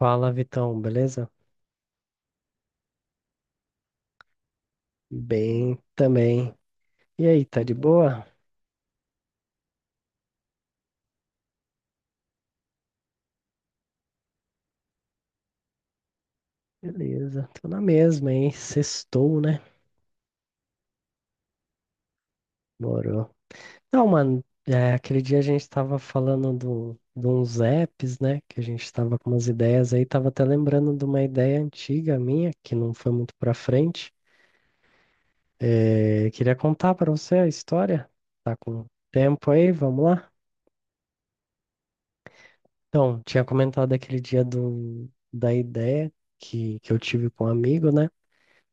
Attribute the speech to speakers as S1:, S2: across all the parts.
S1: Fala, Vitão, beleza? Bem também. E aí, tá de boa? Beleza, tô na mesma, hein? Sextou, né? Morou. Não, mano, é, aquele dia a gente tava falando de uns apps, né? Que a gente tava com umas ideias aí, tava até lembrando de uma ideia antiga minha, que não foi muito pra frente. É, queria contar pra você a história. Tá com tempo aí? Vamos lá? Então, tinha comentado aquele dia da ideia que eu tive com um amigo, né?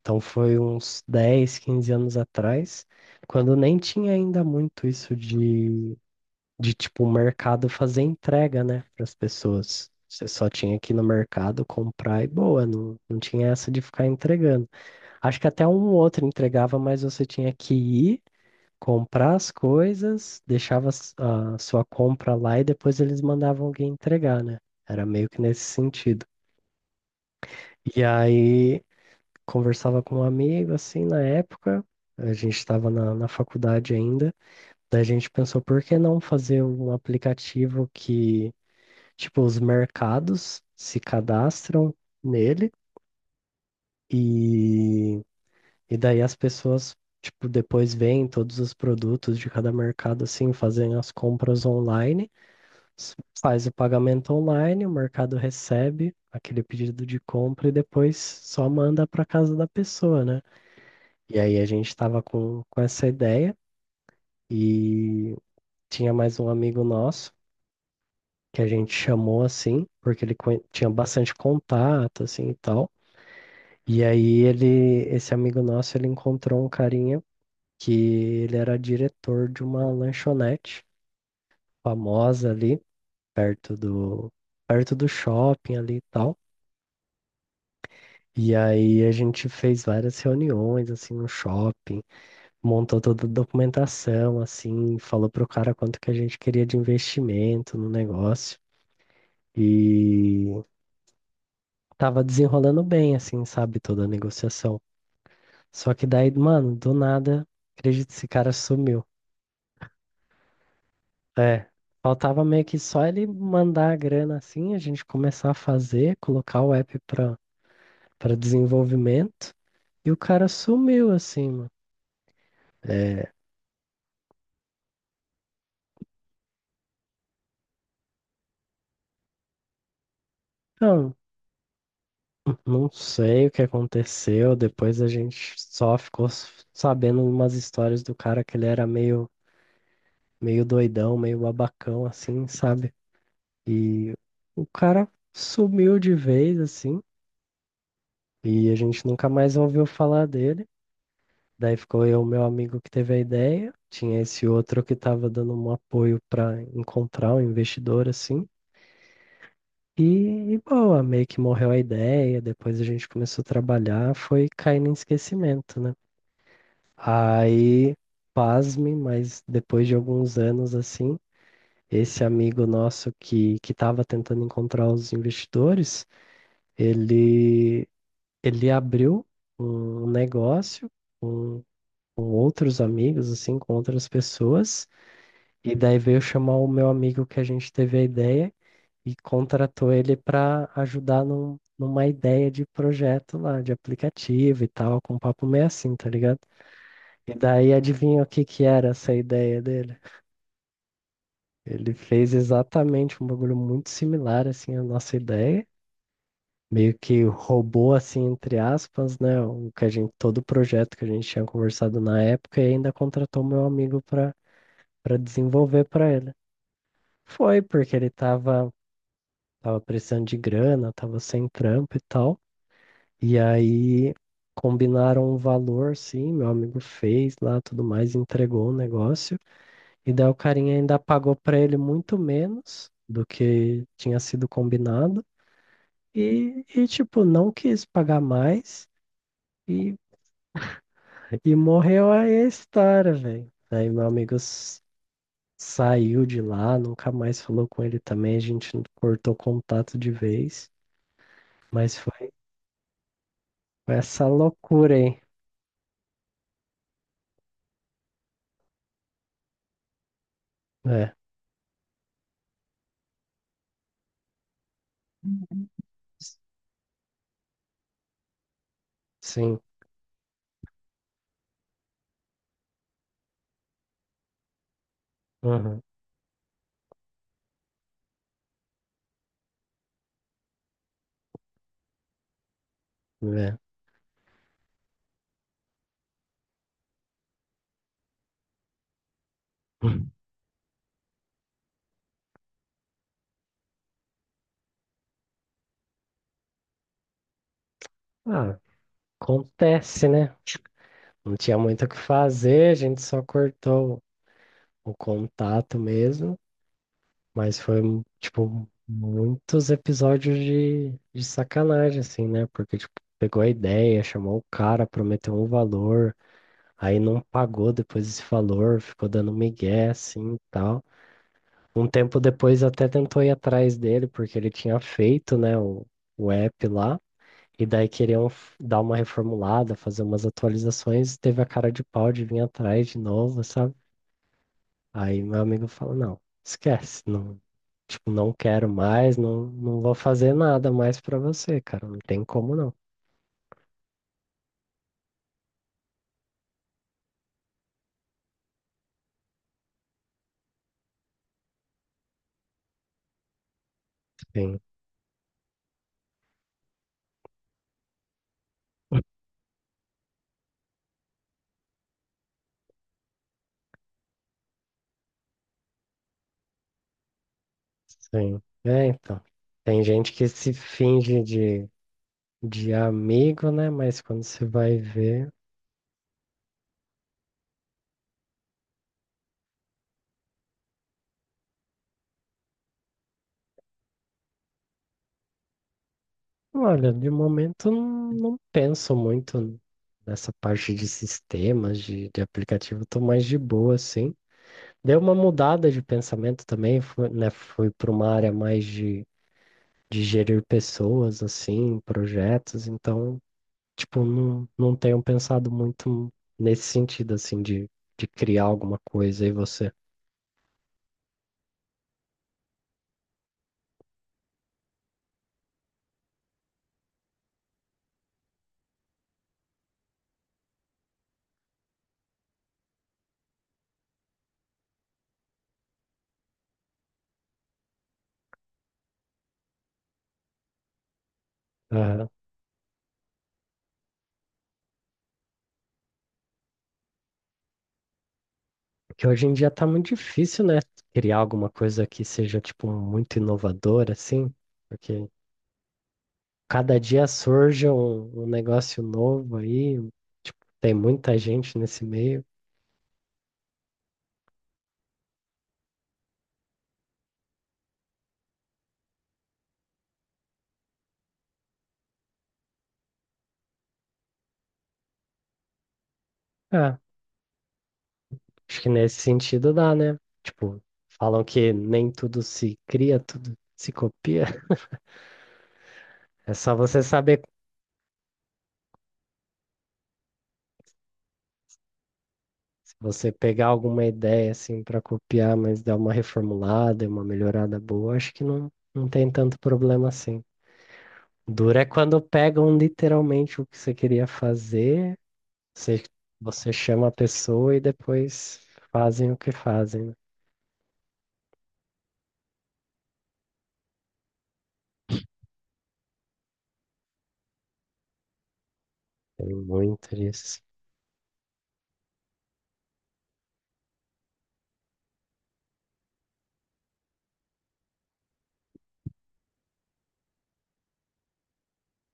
S1: Então foi uns 10, 15 anos atrás, quando nem tinha ainda muito isso de tipo, o mercado fazer entrega, né, para as pessoas. Você só tinha que ir no mercado comprar e boa, não tinha essa de ficar entregando. Acho que até um ou outro entregava, mas você tinha que ir comprar as coisas, deixava a sua compra lá e depois eles mandavam alguém entregar, né? Era meio que nesse sentido. E aí conversava com um amigo, assim, na época, a gente estava na faculdade ainda, daí a gente pensou, por que não fazer um aplicativo que, tipo, os mercados se cadastram nele e, e daí as pessoas, tipo, depois veem todos os produtos de cada mercado, assim, fazem as compras online, s- faz o pagamento online, o mercado recebe aquele pedido de compra e depois só manda para casa da pessoa, né? E aí a gente estava com essa ideia e tinha mais um amigo nosso que a gente chamou assim, porque ele tinha bastante contato assim e tal. E aí ele, esse amigo nosso, ele encontrou um carinha que ele era diretor de uma lanchonete famosa ali perto do perto do shopping ali e tal. E aí a gente fez várias reuniões assim no shopping montou toda a documentação, assim, falou pro cara quanto que a gente queria de investimento no negócio e tava desenrolando bem, assim, sabe, toda a negociação. Só que daí, mano, do nada, acredito, esse cara sumiu. É, faltava meio que só ele mandar a grana, assim, a gente começar a fazer, colocar o app para desenvolvimento e o cara sumiu, assim, mano. É, não, não sei o que aconteceu. Depois a gente só ficou sabendo umas histórias do cara que ele era meio doidão, meio babacão, assim, sabe? E o cara sumiu de vez, assim, e a gente nunca mais ouviu falar dele. Daí ficou eu, meu amigo, que teve a ideia. Tinha esse outro que estava dando um apoio para encontrar um investidor, assim. E, e boa, meio que morreu a ideia. Depois a gente começou a trabalhar, foi caindo em esquecimento, né? Aí, pasme, mas depois de alguns anos assim, esse amigo nosso que estava tentando encontrar os investidores, ele ele abriu um negócio com, com outros amigos, assim, com outras pessoas, e daí veio chamar o meu amigo que a gente teve a ideia e contratou ele para ajudar numa ideia de projeto lá, de aplicativo e tal, com um papo meio assim, tá ligado? E daí adivinha o que que era essa ideia dele? Ele fez exatamente um bagulho muito similar assim à nossa ideia, meio que roubou assim entre aspas, né, o que a gente todo o projeto que a gente tinha conversado na época e ainda contratou meu amigo para desenvolver para ele. Foi porque ele tava precisando de grana, tava sem trampo e tal. E aí combinaram um valor, sim, meu amigo fez lá, tudo mais, entregou o negócio. E daí o carinha ainda pagou pra ele muito menos do que tinha sido combinado. E tipo, não quis pagar mais. E, e morreu aí a história, velho. Aí meu amigo saiu de lá, nunca mais falou com ele também. A gente cortou contato de vez. Mas foi essa loucura, hein? É, s- sim. Uhum, é. Ah, acontece, né? Não tinha muito o que fazer, a gente só cortou o contato mesmo, mas foi, tipo, muitos episódios de sacanagem, assim, né? Porque, tipo, pegou a ideia, chamou o cara, prometeu um valor, aí não pagou depois esse valor, ficou dando migué, assim, e tal. Um tempo depois até tentou ir atrás dele, porque ele tinha feito, né, o app lá, e daí queriam dar uma reformulada, fazer umas atualizações, teve a cara de pau de vir atrás de novo, sabe? Aí meu amigo fala, não, esquece, não, tipo, não quero mais, não, não vou fazer nada mais pra você, cara, não tem como não. Sim, sim. É, então, tem gente que se finge de amigo, né, mas quando você vai ver, olha, de momento não, não penso muito nessa parte de sistemas, de aplicativo, tô mais de boa, assim. Deu uma mudada de pensamento também, fui, né, fui para uma área mais de gerir pessoas, assim, projetos, então, tipo, não, não tenho pensado muito nesse sentido, assim, de criar alguma coisa e você. Aham. Porque hoje em dia tá muito difícil, né? Criar alguma coisa que seja, tipo, muito inovadora, assim, porque cada dia surge um negócio novo aí, tipo, tem muita gente nesse meio. Ah, acho que nesse sentido dá, né? Tipo, falam que nem tudo se cria, tudo se copia. É só você saber se você pegar alguma ideia assim para copiar, mas dar uma reformulada, e uma melhorada boa, acho que não, não tem tanto problema assim. Dura é quando pegam literalmente o que você queria fazer, você, você chama a pessoa e depois fazem o que fazem, né? Tem muito disso.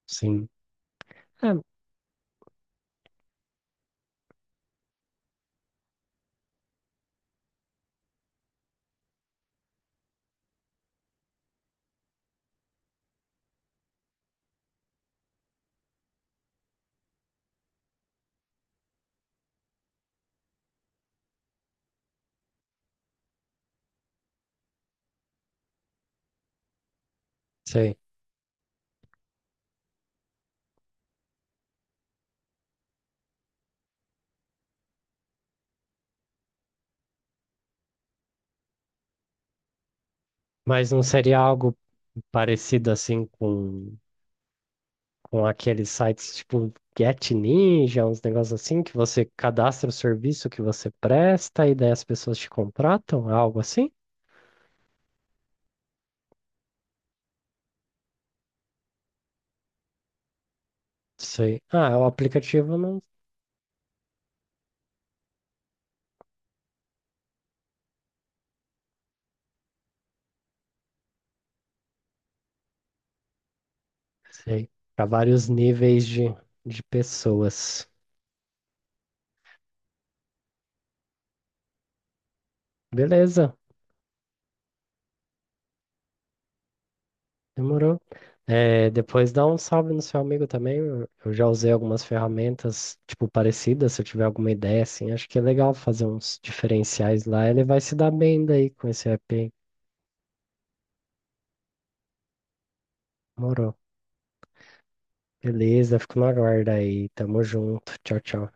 S1: Sim. É, sei. Mas não seria algo parecido assim com aqueles sites tipo Get Ninja, uns negócios assim, que você cadastra o serviço que você presta e daí as pessoas te contratam, algo assim? Sei. Ah, o aplicativo não sei. Para vários níveis de pessoas. Beleza, demorou. É, depois dá um salve no seu amigo também. Eu já usei algumas ferramentas, tipo, parecidas. Se eu tiver alguma ideia, assim, acho que é legal fazer uns diferenciais lá. Ele vai se dar bem daí com esse app. Aí. Demorou. Beleza, fico no aguardo aí. Tamo junto. Tchau, tchau.